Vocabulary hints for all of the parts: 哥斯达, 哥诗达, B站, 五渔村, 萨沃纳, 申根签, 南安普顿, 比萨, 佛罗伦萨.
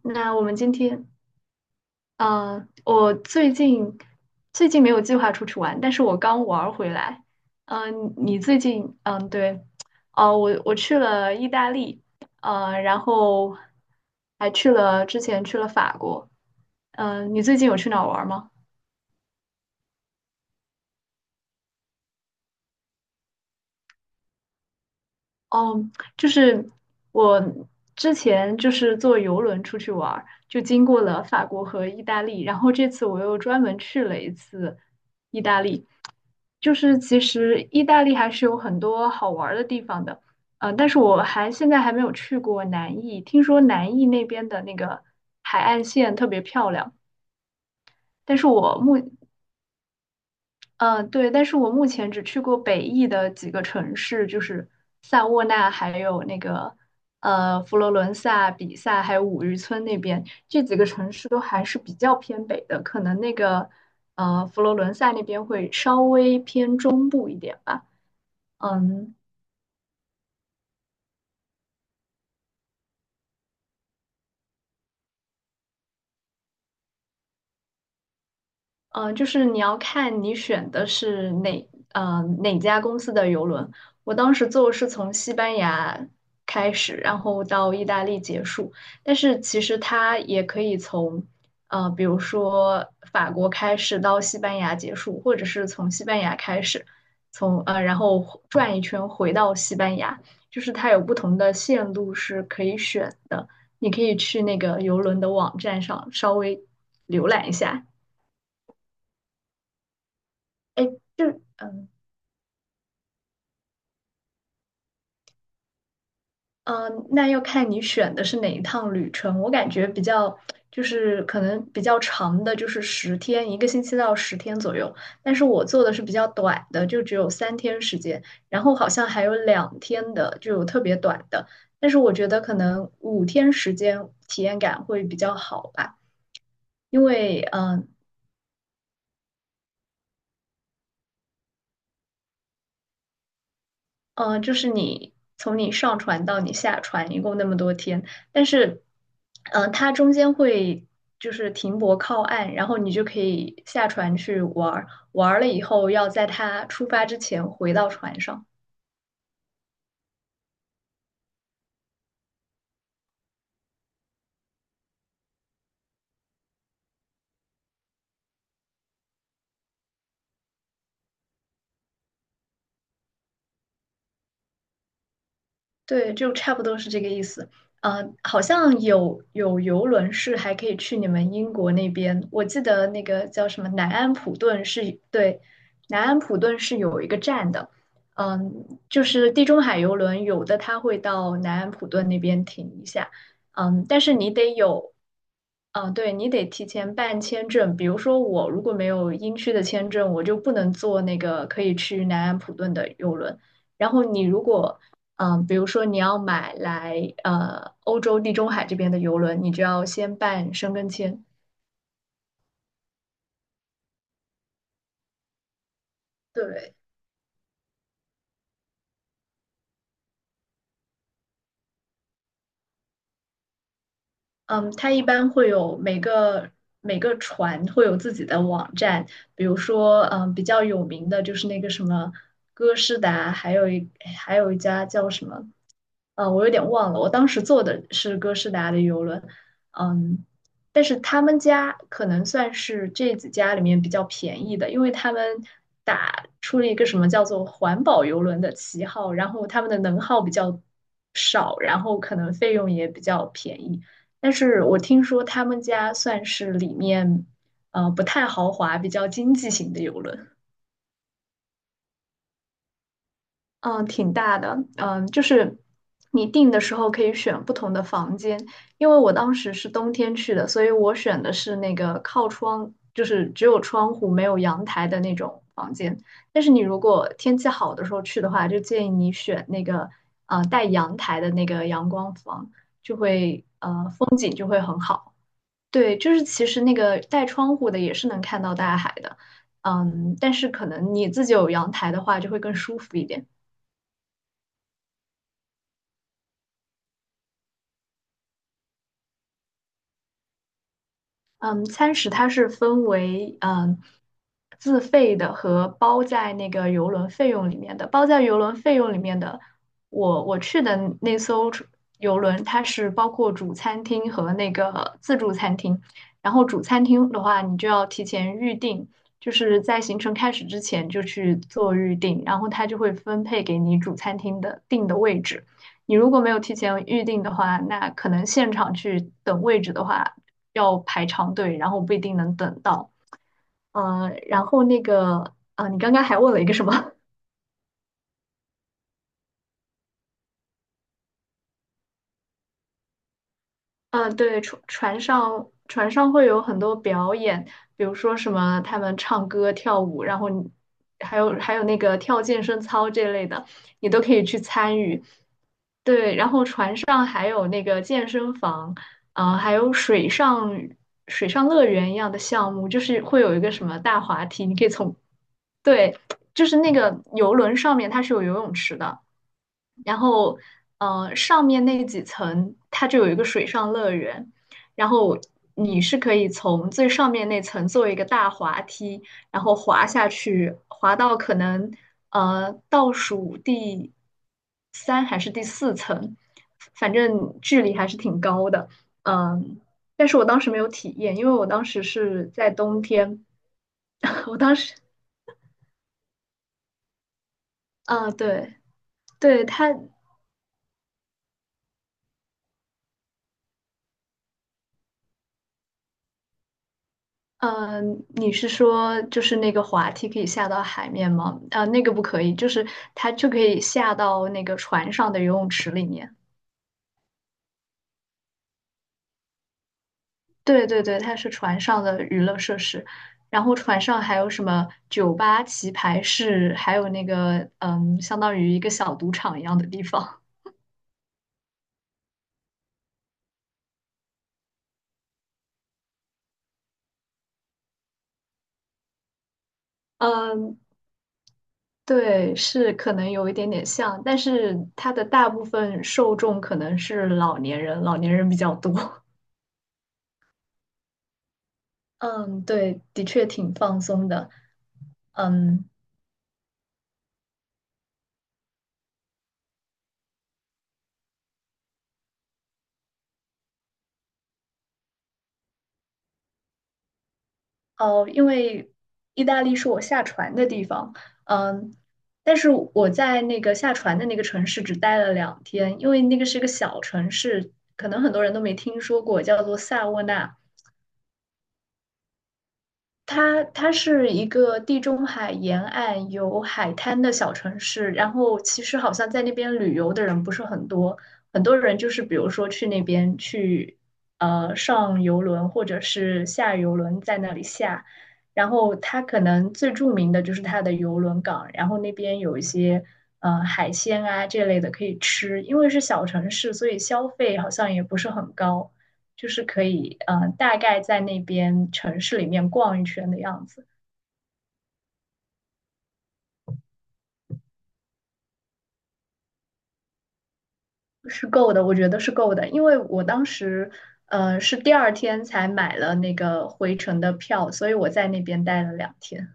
那我们今天，我最近没有计划出去玩，但是我刚玩儿回来。嗯、你最近，嗯、对，哦、我去了意大利，然后还去了之前去了法国。嗯、你最近有去哪儿玩儿吗？哦，就是我之前就是坐游轮出去玩儿，就经过了法国和意大利，然后这次我又专门去了一次意大利。就是其实意大利还是有很多好玩儿的地方的，但是我现在还没有去过南意，听说南意那边的那个海岸线特别漂亮，但是嗯，对，但是我目前只去过北意的几个城市，就是萨沃纳，还有那个佛罗伦萨、比萨，还有五渔村那边，这几个城市都还是比较偏北的，可能那个佛罗伦萨那边会稍微偏中部一点吧。嗯，就是你要看你选的是哪家公司的邮轮。我当时坐是从西班牙开始，然后到意大利结束。但是其实它也可以从比如说法国开始到西班牙结束，或者是从西班牙开始，从然后转一圈回到西班牙，就是它有不同的线路是可以选的。你可以去那个邮轮的网站上稍微浏览一下。哎，就嗯嗯,那要看你选的是哪一趟旅程。我感觉比较就是可能比较长的，就是十天，一个星期到十天左右。但是我做的是比较短的，就只有三天时间，然后好像还有两天的，就有特别短的。但是我觉得可能五天时间体验感会比较好吧，因为就是你从你上船到你下船一共那么多天，但是，它中间会就是停泊靠岸，然后你就可以下船去玩儿，玩儿了以后要在它出发之前回到船上。对，就差不多是这个意思。好像有游轮是还可以去你们英国那边，我记得那个叫什么南安普顿是，对，南安普顿是有一个站的。嗯，就是地中海游轮，有的它会到南安普顿那边停一下。嗯，但是你得有，嗯，对，你得提前办签证。比如说我如果没有英区的签证，我就不能坐那个可以去南安普顿的游轮。然后你如果，嗯，比如说你要买来欧洲地中海这边的游轮，你就要先办申根签。对，嗯，它一般会有每个船会有自己的网站，比如说，嗯，比较有名的就是那个什么哥诗达，还有一家叫什么我有点忘了，我当时坐的是哥斯达的游轮，嗯，但是他们家可能算是这几家里面比较便宜的，因为他们打出了一个什么叫做环保游轮的旗号，然后他们的能耗比较少，然后可能费用也比较便宜。但是我听说他们家算是里面不太豪华、比较经济型的游轮。嗯，挺大的，嗯，就是你订的时候可以选不同的房间，因为我当时是冬天去的，所以我选的是那个靠窗，就是只有窗户没有阳台的那种房间。但是你如果天气好的时候去的话，就建议你选那个带阳台的那个阳光房，就会，对，就是其实那个带窗户的也是能看到大海的，嗯，但是可能你自己有阳台的话就会更舒服一点。嗯，餐食它是分为自费的和包在那个邮轮费用里面的。包在邮轮费用里面的，我去的那艘出邮轮，它是包括主餐厅和那个自助餐厅。然后主餐厅的话，你就要提前预定，就是在行程开始之前就去做预定，然后它就会分配给你主餐厅的定的位置。你如果没有提前预定的话，那可能现场去等位置的话。要排长队，然后不一定能等到。然后那个，你刚刚还问了一个什么？对，船上会有很多表演，比如说什么他们唱歌、跳舞，然后你还有那个跳健身操这类的，你都可以去参与。对，然后船上还有那个健身房，还有水上乐园一样的项目，就是会有一个什么大滑梯，你可以从对，就是那个游轮上面它是有游泳池的，然后上面那几层它就有一个水上乐园，然后你是可以从最上面那层做一个大滑梯，然后滑下去，滑到可能倒数第三还是第四层，反正距离还是挺高的，嗯，但是我当时没有体验，因为我当时是在冬天，我当时。啊，对，对它，嗯，你是说就是那个滑梯可以下到海面吗？啊、那个不可以，就是它就可以下到那个船上的游泳池里面。对对对，它是船上的娱乐设施，然后船上还有什么酒吧、棋牌室，还有那个嗯，相当于一个小赌场一样的地方。嗯，对，是可能有一点点像，但是它的大部分受众可能是老年人，老年人比较多。嗯，对，的确挺放松的。嗯，哦，因为意大利是我下船的地方。嗯，但是我在那个下船的那个城市只待了两天，因为那个是个小城市，可能很多人都没听说过，叫做萨沃纳。它是一个地中海沿岸有海滩的小城市，然后其实好像在那边旅游的人不是很多，很多人就是比如说去那边去上游轮或者是下游轮在那里下，然后它可能最著名的就是它的游轮港，然后那边有一些海鲜啊这类的可以吃，因为是小城市，所以消费好像也不是很高。就是可以大概在那边城市里面逛一圈的样子，是够的，我觉得是够的，因为我当时是第二天才买了那个回程的票，所以我在那边待了两天。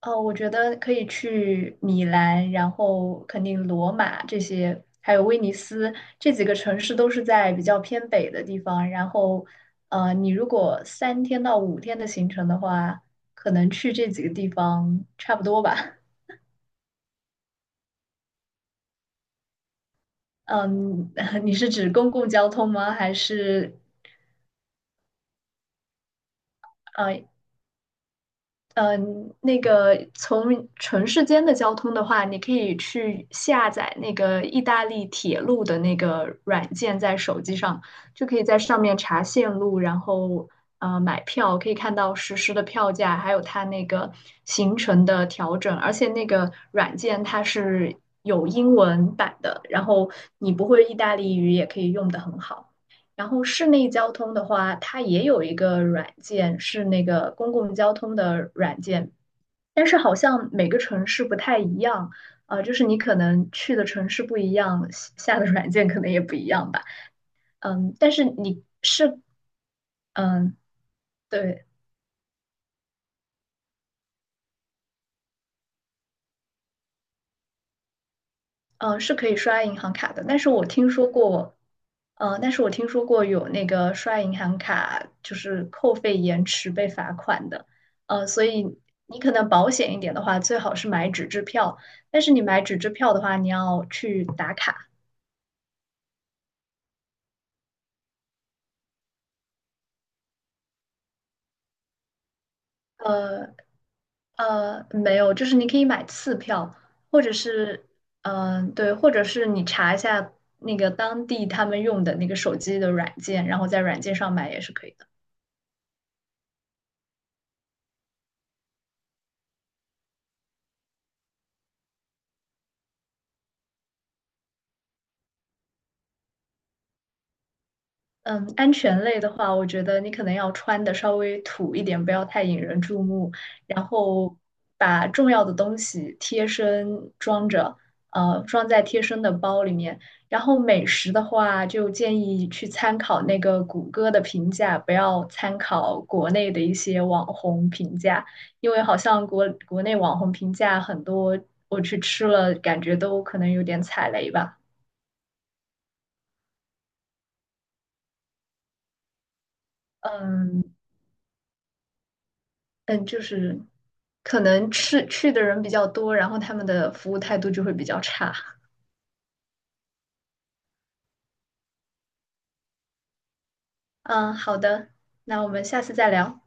哦，我觉得可以去米兰，然后肯定罗马这些，还有威尼斯这几个城市都是在比较偏北的地方。然后，你如果三天到五天的行程的话，可能去这几个地方差不多吧。嗯，你是指公共交通吗？还是呃呃那个从城市间的交通的话，你可以去下载那个意大利铁路的那个软件，在手机上就可以在上面查线路，然后买票，可以看到实时的票价，还有它那个行程的调整，而且那个软件它是有英文版的，然后你不会意大利语也可以用的很好。然后室内交通的话，它也有一个软件，是那个公共交通的软件，但是好像每个城市不太一样，就是你可能去的城市不一样，下的软件可能也不一样吧。嗯，但是你是嗯，对。嗯，是可以刷银行卡的，但是我听说过，嗯，但是我听说过有那个刷银行卡就是扣费延迟被罚款的，所以你可能保险一点的话，最好是买纸质票，但是你买纸质票的话，你要去打卡，呃没有，就是你可以买次票，或者是，嗯、对，或者是你查一下那个当地他们用的那个手机的软件，然后在软件上买也是可以的。嗯，安全类的话，我觉得你可能要穿的稍微土一点，不要太引人注目，然后把重要的东西贴身装着，装在贴身的包里面。然后美食的话，就建议去参考那个谷歌的评价，不要参考国内的一些网红评价，因为好像国内网红评价很多，我去吃了，感觉都可能有点踩雷吧。嗯，嗯，就是可能去的人比较多，然后他们的服务态度就会比较差。嗯，好的，那我们下次再聊。